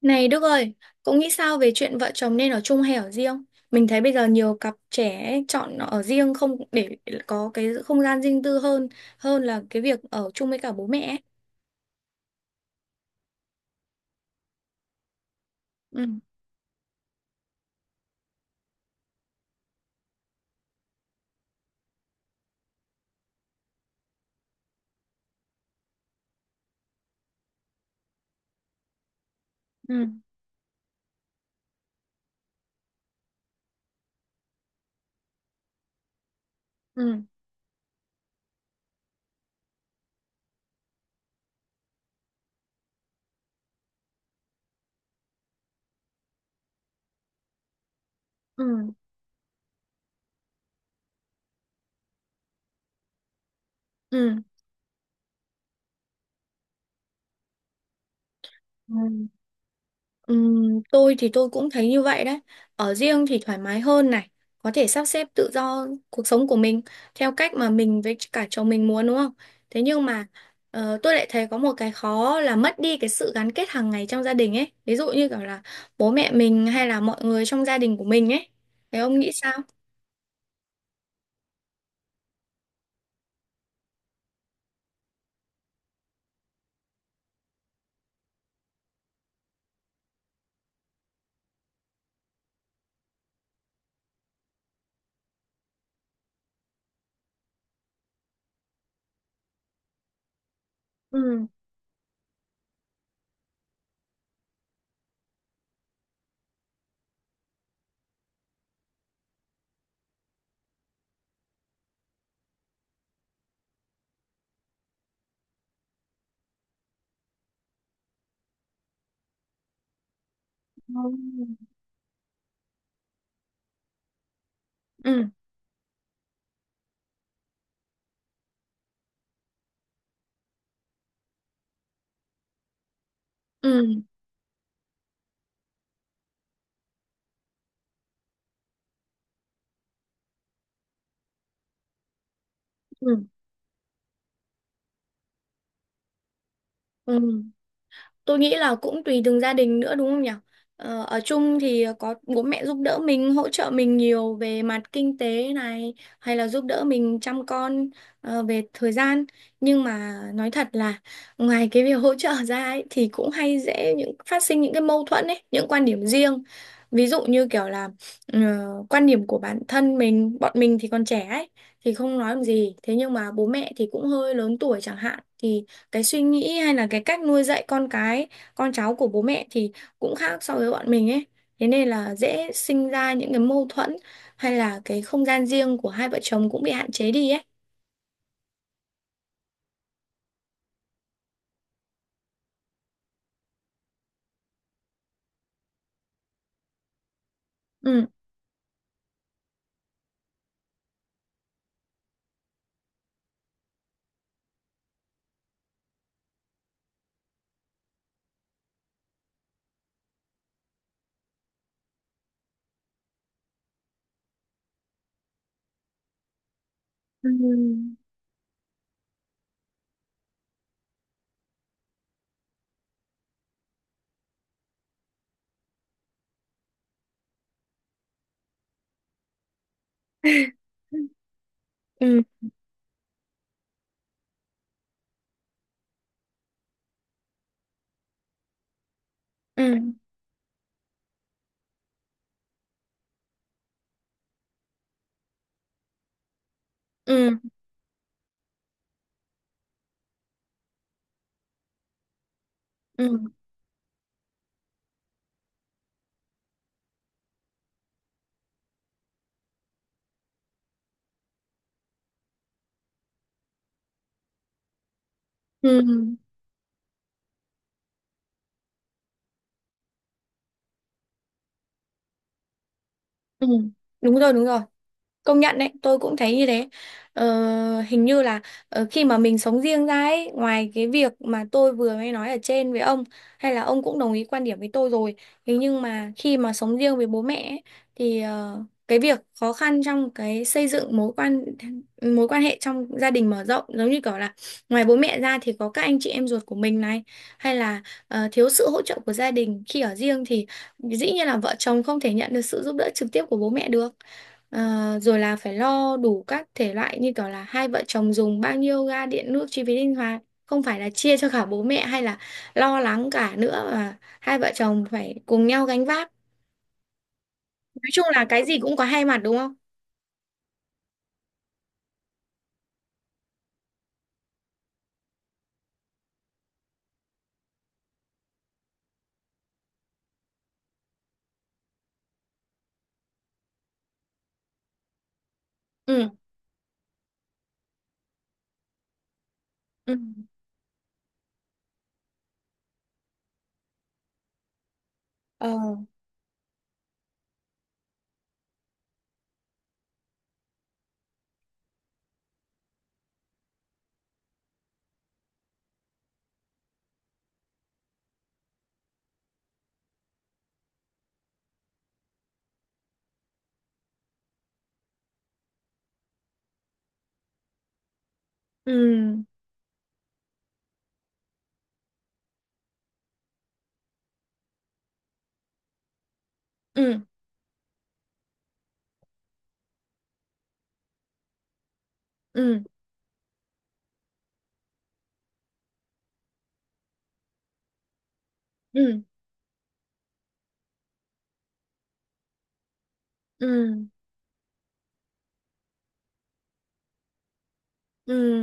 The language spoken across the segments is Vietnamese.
Này Đức ơi, cậu nghĩ sao về chuyện vợ chồng nên ở chung hay ở riêng? Mình thấy bây giờ nhiều cặp trẻ ấy chọn ở riêng không để có cái không gian riêng tư hơn hơn là cái việc ở chung với cả bố mẹ ấy. Ừ. Ừ. Ừ. Ừ. Ừ. Ừ. Tôi thì tôi cũng thấy như vậy đấy. Ở riêng thì thoải mái hơn này, có thể sắp xếp tự do cuộc sống của mình theo cách mà mình với cả chồng mình muốn đúng không? Thế nhưng mà tôi lại thấy có một cái khó là mất đi cái sự gắn kết hàng ngày trong gia đình ấy. Ví dụ như kiểu là bố mẹ mình hay là mọi người trong gia đình của mình ấy. Thế ông nghĩ sao? Ừ. Ừ. Ừ. Ừ. Ừ. Ừ. Tôi nghĩ là cũng tùy từng gia đình nữa đúng không nhỉ? Ờ, ở chung thì có bố mẹ giúp đỡ mình, hỗ trợ mình nhiều về mặt kinh tế này, hay là giúp đỡ mình chăm con, về thời gian. Nhưng mà nói thật là ngoài cái việc hỗ trợ ra ấy, thì cũng hay dễ những phát sinh những cái mâu thuẫn ấy, những quan điểm riêng. Ví dụ như kiểu là ờ, quan điểm của bản thân mình, bọn mình thì còn trẻ ấy, thì không nói làm gì. Thế nhưng mà bố mẹ thì cũng hơi lớn tuổi chẳng hạn, thì cái suy nghĩ hay là cái cách nuôi dạy con cái con cháu của bố mẹ thì cũng khác so với bọn mình ấy, thế nên là dễ sinh ra những cái mâu thuẫn hay là cái không gian riêng của hai vợ chồng cũng bị hạn chế đi ấy. Ừ. Ừ. Ừ. Ừ. Ừ. Ừ. Ừ. Ừ. Đúng rồi, đúng rồi. Công nhận đấy, tôi cũng thấy như thế. Ờ, hình như là khi mà mình sống riêng ra ấy, ngoài cái việc mà tôi vừa mới nói ở trên với ông, hay là ông cũng đồng ý quan điểm với tôi rồi. Thế nhưng mà khi mà sống riêng với bố mẹ ấy, thì cái việc khó khăn trong cái xây dựng mối quan hệ trong gia đình mở rộng giống như kiểu là ngoài bố mẹ ra thì có các anh chị em ruột của mình này, hay là thiếu sự hỗ trợ của gia đình khi ở riêng thì dĩ nhiên là vợ chồng không thể nhận được sự giúp đỡ trực tiếp của bố mẹ được. Ờ, rồi là phải lo đủ các thể loại như kiểu là hai vợ chồng dùng bao nhiêu ga điện nước chi phí linh hoạt không phải là chia cho cả bố mẹ hay là lo lắng cả nữa mà hai vợ chồng phải cùng nhau gánh vác. Nói chung là cái gì cũng có hai mặt đúng không? Ừ. Ừ. Ờ. Ừ. Ừ. Ừ. Ừ. Ừ. Ừ.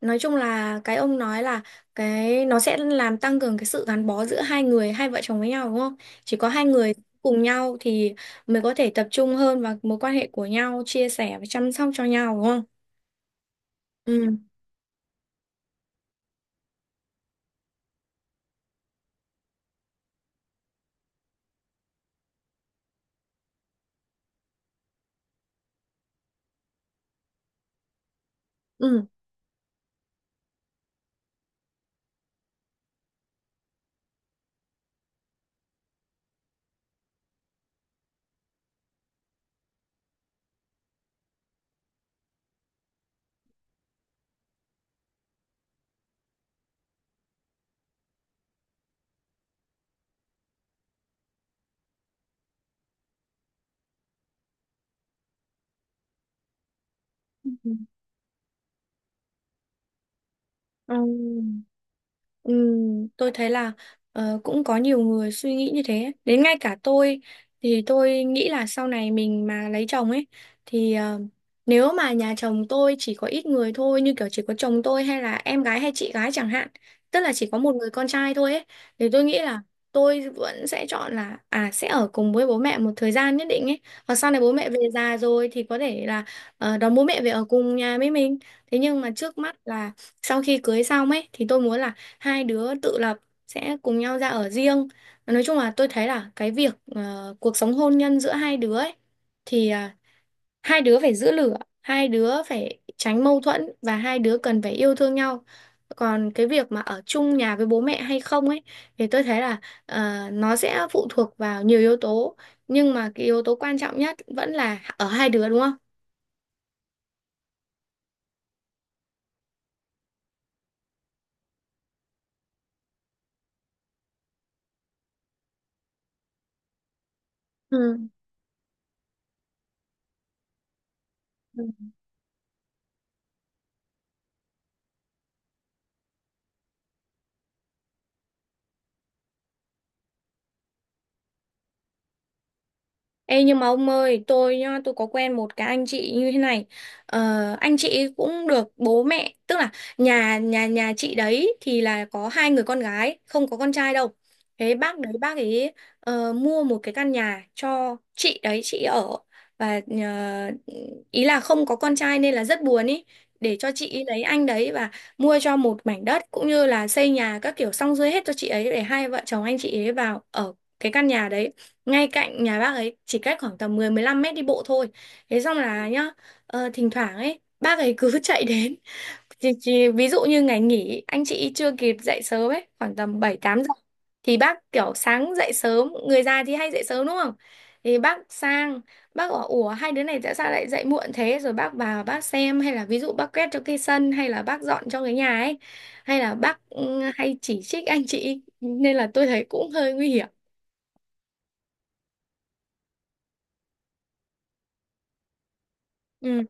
Nói chung là cái ông nói là cái nó sẽ làm tăng cường cái sự gắn bó giữa hai người hai vợ chồng với nhau đúng không? Chỉ có hai người cùng nhau thì mới có thể tập trung hơn vào mối quan hệ của nhau, chia sẻ và chăm sóc cho nhau đúng không? Ừ. Ừ. Ừ. Tôi thấy là cũng có nhiều người suy nghĩ như thế. Đến ngay cả tôi thì tôi nghĩ là sau này mình mà lấy chồng ấy thì nếu mà nhà chồng tôi chỉ có ít người thôi như kiểu chỉ có chồng tôi hay là em gái hay chị gái chẳng hạn, tức là chỉ có một người con trai thôi ấy thì tôi nghĩ là tôi vẫn sẽ chọn là à sẽ ở cùng với bố mẹ một thời gian nhất định ấy. Hoặc sau này bố mẹ về già rồi thì có thể là đón bố mẹ về ở cùng nhà với mình. Thế nhưng mà trước mắt là sau khi cưới xong ấy thì tôi muốn là hai đứa tự lập sẽ cùng nhau ra ở riêng. Nói chung là tôi thấy là cái việc cuộc sống hôn nhân giữa hai đứa ấy, thì à, hai đứa phải giữ lửa, hai đứa phải tránh mâu thuẫn và hai đứa cần phải yêu thương nhau, còn cái việc mà ở chung nhà với bố mẹ hay không ấy thì tôi thấy là nó sẽ phụ thuộc vào nhiều yếu tố, nhưng mà cái yếu tố quan trọng nhất vẫn là ở hai đứa đúng không? Ừ. Ê nhưng mà ông ơi, tôi nhá, tôi có quen một cái anh chị như thế này. Ờ, anh chị cũng được bố mẹ, tức là nhà nhà nhà chị đấy thì là có hai người con gái, không có con trai đâu. Thế bác ấy mua một cái căn nhà cho chị đấy chị ở, và ý là không có con trai nên là rất buồn ý, để cho chị ấy lấy anh đấy và mua cho một mảnh đất cũng như là xây nhà các kiểu xong xuôi hết cho chị ấy để hai vợ chồng anh chị ấy vào ở cái căn nhà đấy, ngay cạnh nhà bác ấy, chỉ cách khoảng tầm 10-15 mét đi bộ thôi. Thế xong là nhá, thỉnh thoảng ấy bác ấy cứ chạy đến. Ví dụ như ngày nghỉ anh chị chưa kịp dậy sớm ấy, khoảng tầm 7-8 giờ, thì bác kiểu sáng dậy sớm, người già thì hay dậy sớm đúng không? Thì bác sang, bác bảo ủa hai đứa này tại sao lại dậy muộn thế, rồi bác vào bác xem hay là ví dụ bác quét cho cái sân hay là bác dọn cho cái nhà ấy, hay là bác hay chỉ trích anh chị nên là tôi thấy cũng hơi nguy hiểm. Ừ.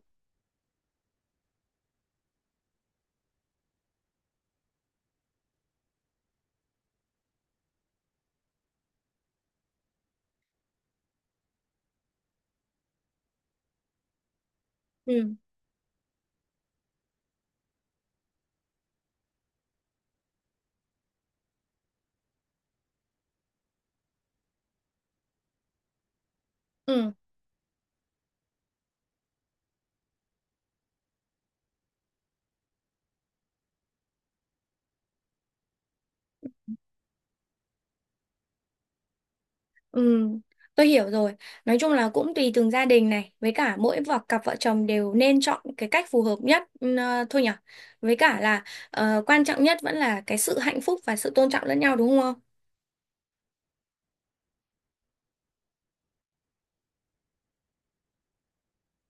Ừ. Ừ. Ừ, tôi hiểu rồi. Nói chung là cũng tùy từng gia đình này, với cả mỗi cặp vợ chồng đều nên chọn cái cách phù hợp nhất, thôi nhở. Với cả là quan trọng nhất vẫn là cái sự hạnh phúc và sự tôn trọng lẫn nhau đúng không?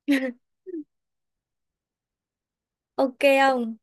Ok không?